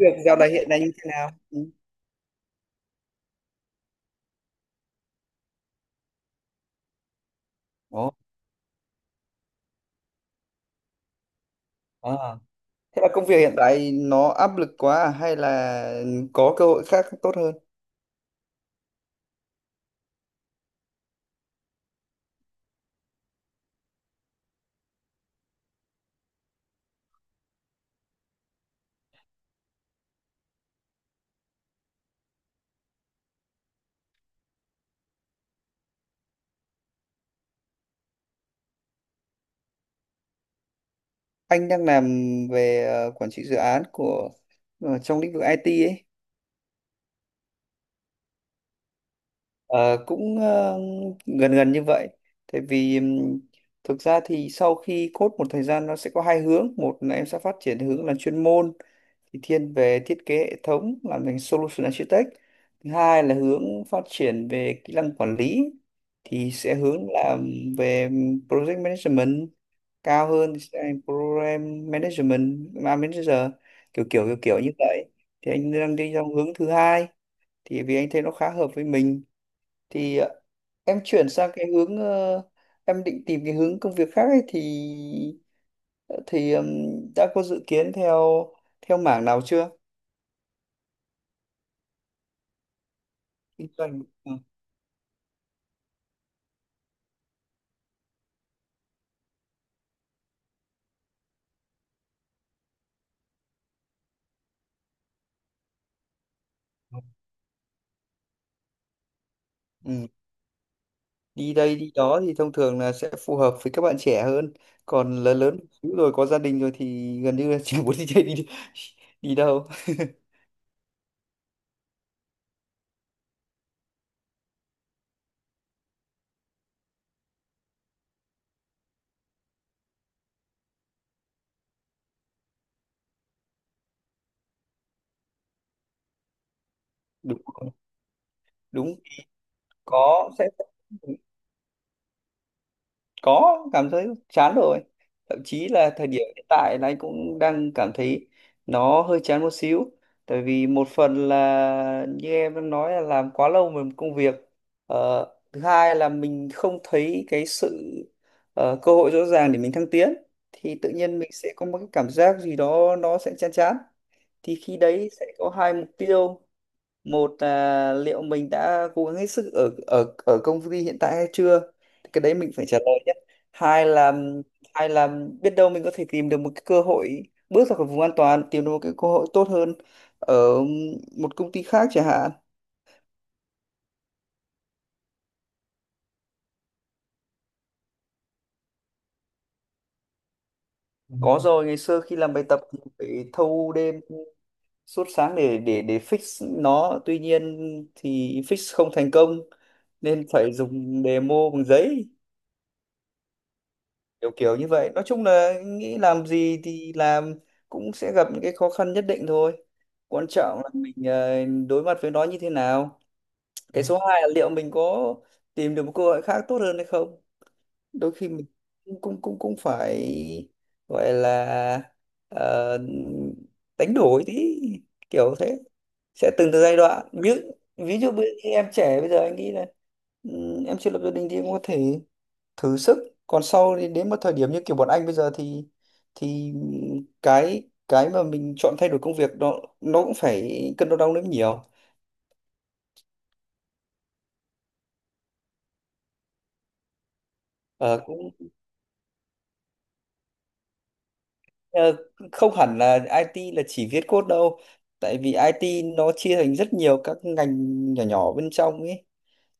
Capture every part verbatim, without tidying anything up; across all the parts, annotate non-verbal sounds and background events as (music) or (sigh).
Việc dạo này hiện nay như thế nào? Ừ. Ồ, à. Thế là công việc hiện tại nó áp lực quá à? Hay là có cơ hội khác tốt hơn? Anh đang làm về ờ, quản trị dự án của ờ, trong lĩnh vực i tê ấy. Ờ, cũng ờ, gần gần như vậy. Tại vì ừm, thực ra thì sau khi code một thời gian nó sẽ có hai hướng. Một là em sẽ phát triển hướng là chuyên môn thì thiên về thiết kế hệ thống, làm thành solution architect. Thứ hai là hướng phát triển về kỹ năng quản lý thì sẽ hướng làm về project management, cao hơn thì sẽ thành program management ma manager, kiểu kiểu kiểu kiểu như vậy. Thì anh đang đi trong hướng thứ hai, thì vì anh thấy nó khá hợp với mình. Thì ờ, em chuyển sang cái hướng ờ, em định tìm cái hướng công việc khác ấy, thì ờ, thì ừm, đã có dự kiến theo theo mảng nào chưa. Kinh doanh, ừ. Ừ, đi đây đi đó thì thông thường là sẽ phù hợp với các bạn trẻ hơn, còn lớn lớn một xíu rồi có gia đình rồi thì gần như là (laughs) chẳng muốn đi chơi đi đi đâu (laughs) đúng rồi, đúng. Có sẽ có cảm thấy chán rồi, thậm chí là thời điểm hiện tại là anh cũng đang cảm thấy nó hơi chán một xíu. Tại vì một phần là như em đã nói là làm quá lâu về một công việc. ờ, Thứ hai là mình không thấy cái sự ờ, cơ hội rõ ràng để mình thăng tiến, thì tự nhiên mình sẽ có một cái cảm giác gì đó nó sẽ chán chán. Thì khi đấy sẽ có hai mục tiêu. Một là liệu mình đã cố gắng hết sức ở ở ở công ty hiện tại hay chưa. Thì cái đấy mình phải trả lời nhé. Hai là hai là biết đâu mình có thể tìm được một cái cơ hội, bước ra khỏi vùng an toàn, tìm được một cái cơ hội tốt hơn ở một công ty khác chẳng hạn. Ừ, có rồi. Ngày xưa khi làm bài tập thì phải thâu đêm suốt sáng để để để fix nó. Tuy nhiên thì fix không thành công nên phải dùng demo bằng giấy, kiểu kiểu như vậy. Nói chung là nghĩ làm gì thì làm cũng sẽ gặp những cái khó khăn nhất định thôi. Quan trọng là mình ờ, đối mặt với nó như thế nào. Cái Ừ. Số hai là liệu mình có tìm được một cơ hội khác tốt hơn hay không. Đôi khi mình cũng cũng cũng, cũng phải gọi là ờ, đánh đổi tí, kiểu thế. Sẽ từng từ giai đoạn. Ví dụ ví dụ bây- em trẻ bây giờ anh nghĩ là ừ, em chưa lập gia đình thì em có thể thử sức. Còn sau đến, đến một thời điểm như kiểu bọn anh bây giờ thì thì cái cái mà mình chọn thay đổi công việc đó nó cũng phải cân đo đong đếm nhiều. Ờ, cũng. Ờ, không hẳn là i tê là chỉ viết code đâu. Tại vì ai ti nó chia thành rất nhiều các ngành nhỏ nhỏ bên trong ấy.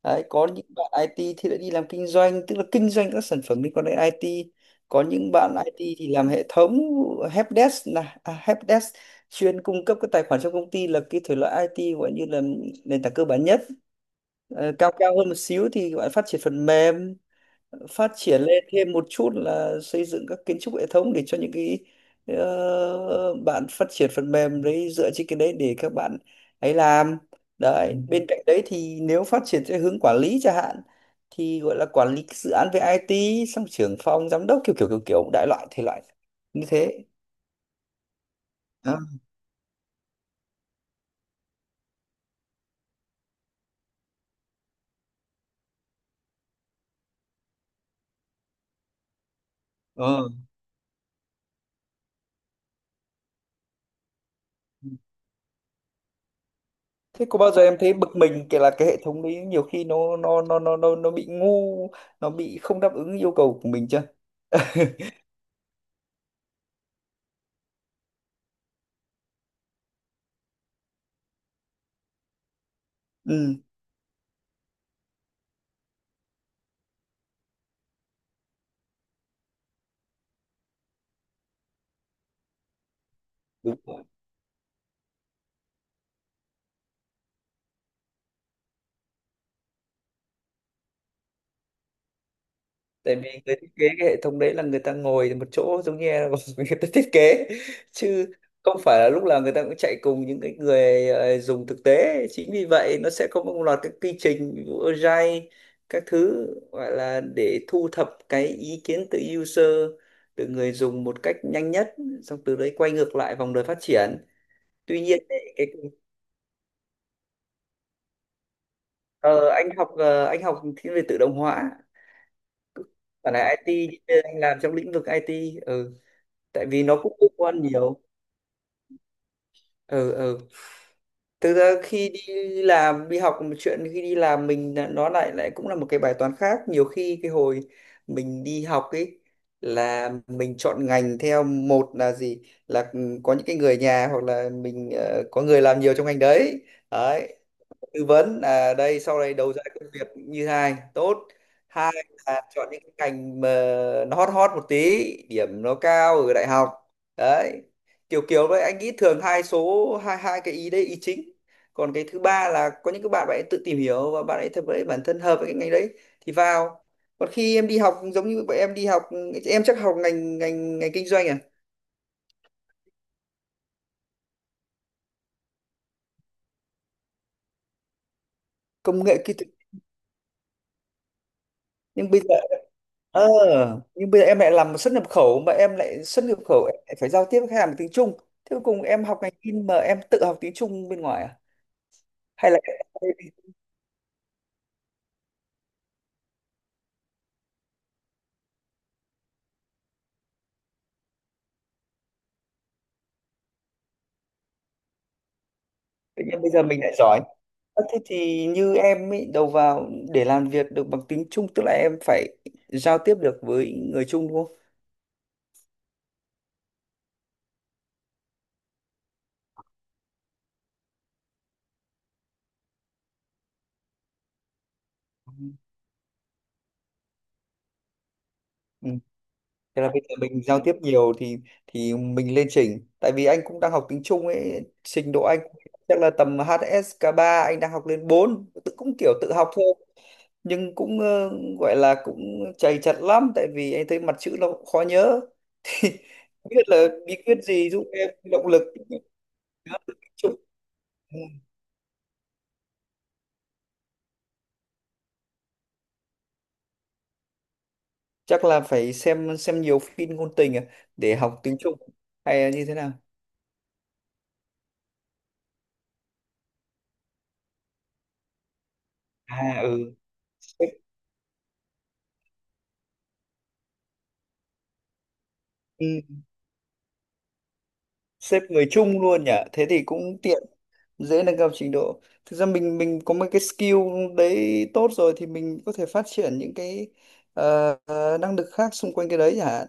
Đấy, có những bạn i tê thì lại đi làm kinh doanh, tức là kinh doanh các sản phẩm liên quan đến i tê. Có những bạn ai ti thì làm hệ thống helpdesk, là à, helpdesk chuyên cung cấp các tài khoản trong công ty, là cái thể loại ai ti gọi như là nền tảng cơ bản nhất. Ờ, cao cao hơn một xíu thì gọi là phát triển phần mềm. Phát triển lên thêm một chút là xây dựng các kiến trúc hệ thống để cho những cái ờ, bạn phát triển phần mềm đấy dựa trên cái đấy để các bạn ấy làm. Đấy. Ừ. Bên cạnh đấy thì nếu phát triển theo hướng quản lý chẳng hạn thì gọi là quản lý cái dự án về i tê, xong trưởng phòng giám đốc, kiểu kiểu kiểu kiểu đại loại thể loại như thế. À, ờ. Thế có bao giờ em thấy bực mình kể là cái hệ thống đấy nhiều khi nó nó nó nó nó nó bị ngu, nó bị không đáp ứng yêu cầu của mình chưa. (laughs) Ừ, đúng. Tại vì người thiết kế cái hệ thống đấy là người ta ngồi một chỗ, giống như là (laughs) người ta thiết kế chứ không phải là lúc nào người ta cũng chạy cùng những cái người ờ, dùng thực tế. Chính vì vậy nó sẽ có một loạt các quy trình, ví dụ Agile các thứ, gọi là để thu thập cái ý kiến từ user, từ người dùng một cách nhanh nhất. Xong từ đấy quay ngược lại vòng đời phát triển. Tuy nhiên ấy, cái ờ, anh học ờ, anh học thiên về tự động hóa và là i tê, nhưng anh làm trong lĩnh vực i tê. Ừ, tại vì nó cũng liên quan nhiều. Ừ ừ Thực ra khi đi làm đi học là một chuyện, khi đi làm mình là- nó lại lại cũng là một cái bài toán khác. Nhiều khi cái hồi mình đi học ấy là mình chọn ngành theo, một là gì, là ừ, có những cái người nhà hoặc là mình ờ, có người làm nhiều trong ngành đấy. Đấy, tư vấn là đây sau này đầu ra công việc như hai tốt. Hai là chọn những cái ngành mà nó hot hot một tí, điểm nó cao ở đại học. Đấy, kiểu kiểu đấy, anh nghĩ thường hai số hai hai cái ý đấy ý chính. Còn cái thứ ba là có những cái bạn bạn ấy tự tìm hiểu và bạn ấy thật với bản thân hợp với cái ngành đấy thì vào. Còn khi em đi học giống như bọn em đi học em chắc học ngành ngành ngành kinh doanh à. Công nghệ kỹ thuật, nhưng bây giờ ờ nhưng bây giờ em lại làm xuất nhập khẩu. Mà em lại xuất nhập khẩu em lại phải giao tiếp với khách hàng bằng tiếng Trung, thế cuối cùng em học ngành in mà em tự học tiếng Trung bên ngoài à, hay là tự nhiên bây giờ mình lại giỏi. Ờ, thế thì như em ý, đầu vào để làm việc được bằng tiếng Trung tức là em phải giao tiếp được với người Trung đúng không. Ừ. Thế là bây giờ mình giao tiếp nhiều thì thì mình lên chỉnh. Tại vì anh cũng đang học tiếng Trung ấy, trình độ anh chắc là tầm hát ét ca ba, anh đang học lên bốn, tự cũng kiểu tự học thôi. Nhưng cũng ờ, gọi là cũng chầy chật lắm, tại vì anh thấy mặt chữ nó cũng khó nhớ. (laughs) Không biết là bí quyết gì giúp em động lực nhớ được tiếng Trung. Ừ, chắc là phải xem xem nhiều phim ngôn tình à, để học tiếng Trung hay là như thế nào. À ừ sếp, ừ, sếp người Trung luôn nhỉ, thế thì cũng tiện dễ nâng cao trình độ. Thực ra mình mình có mấy cái skill đấy tốt rồi thì mình có thể phát triển những cái ờ, ờ, năng lực khác xung quanh cái đấy hả.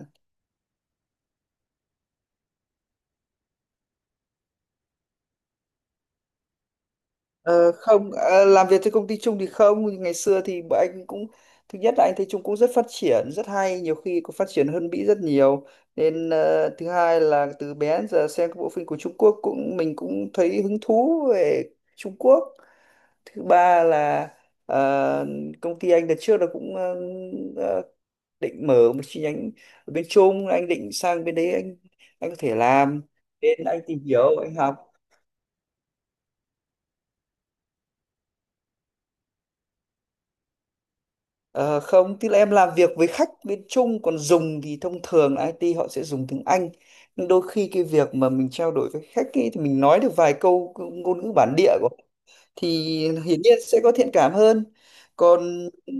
Ờ, không ờ, làm việc trên công ty Trung thì không. Ngày xưa thì bọn anh cũng, thứ nhất là anh thấy Trung cũng rất phát triển rất hay, nhiều khi còn phát triển hơn Mỹ rất nhiều. Nên ờ, thứ hai là từ bé đến giờ xem các bộ phim của Trung Quốc cũng mình cũng thấy hứng thú về Trung Quốc. Thứ ba là ờ, công ty anh đợt trước là cũng ờ, ờ, định mở một chi nhánh ở bên Trung, anh định sang bên đấy anh anh có thể làm. Nên anh tìm hiểu anh học. Ờ, không, tức là em làm việc với khách bên Trung, còn dùng thì thông thường là ai ti họ sẽ dùng tiếng Anh. Nhưng đôi khi cái việc mà mình trao đổi với khách ấy, thì mình nói được vài câu ngôn ngữ bản địa của họ thì hiển nhiên sẽ có thiện cảm hơn. Còn ừm,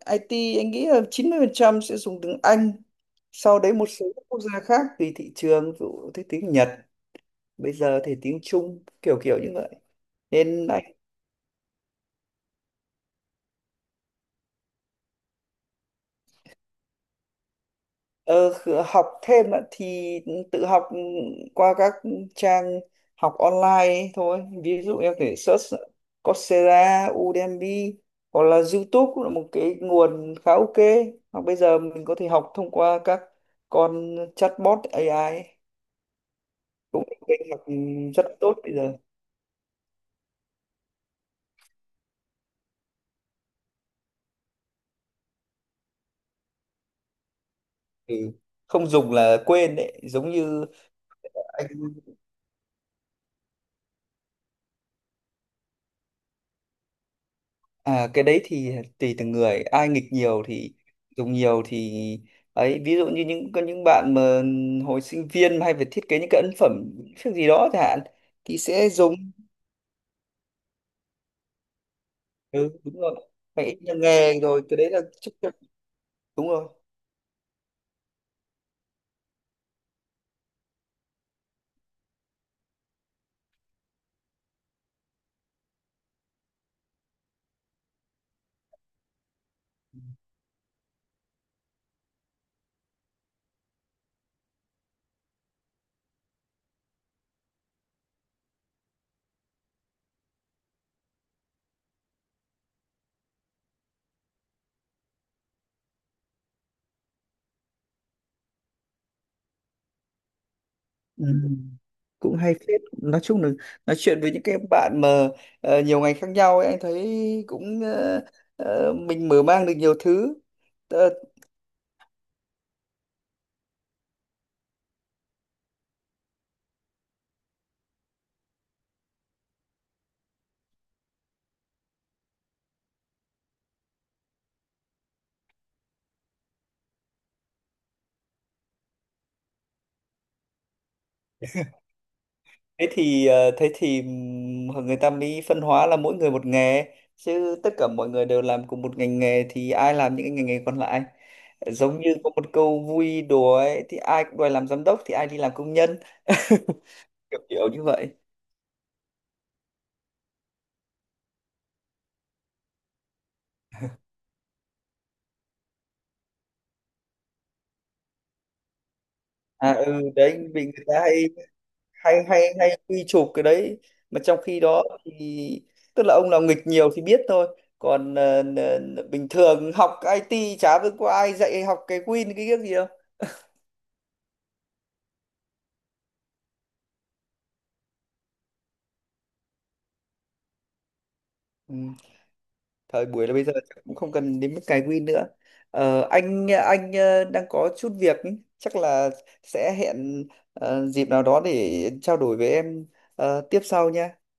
ai ti anh nghĩ là chín mươi phần trăm sẽ dùng tiếng Anh. Sau đấy một số các quốc gia khác tùy thị trường, ví dụ thế tiếng Nhật, bây giờ thì tiếng Trung, kiểu kiểu như vậy. Nên anh Ờ, khử- học thêm ạ, thì tự học qua các trang học online ấy thôi. Ví dụ em có thể search Coursera, Udemy hoặc là YouTube cũng là một cái nguồn khá ok. Hoặc bây giờ mình có thể học thông qua các con chatbot ây ai ấy, cũng là kênh học rất tốt bây giờ. Ừ. Không dùng là quên đấy, giống như anh. À, cái đấy thì tùy từng người, ai nghịch nhiều thì dùng nhiều thì ấy. Ví dụ như những có những bạn mà hồi sinh viên mà hay phải thiết kế những cái ấn phẩm việc gì đó chẳng hạn thì sẽ dùng. Ừ đúng rồi, phải ít nhờ nghề rồi, cái đấy là chắc chắn. Đúng rồi. Ừ, cũng hay phết. Nói chung là nói chuyện với những cái bạn mà ờ, nhiều ngành khác nhau ấy, anh thấy cũng ờ, ờ, mình mở mang được nhiều thứ. Ờ, thế thì ờ, thế thì ừm, người ta mới phân hóa là mỗi người một nghề, chứ tất cả mọi người đều làm cùng một ngành nghề thì ai làm những cái ngành nghề còn lại. Giống như có một câu vui đùa ấy thì ai cũng đòi làm giám đốc thì ai đi làm công nhân, (laughs) kiểu kiểu như vậy. À ừ đấy, vì người ta hay hay hay hay quy chụp cái đấy. Mà trong khi đó thì tức là ông nào nghịch nhiều thì biết thôi. Còn ờ, n- n- bình thường học ai ti chả biết có ai dạy học cái Win cái cái gì đâu. Ừ, thời buổi là bây giờ chắc cũng không cần đến mức cài win nữa. Ờ, anh anh ờ, đang có chút việc ý. Chắc là sẽ hẹn ờ, dịp nào đó để trao đổi với em ờ, tiếp sau nha.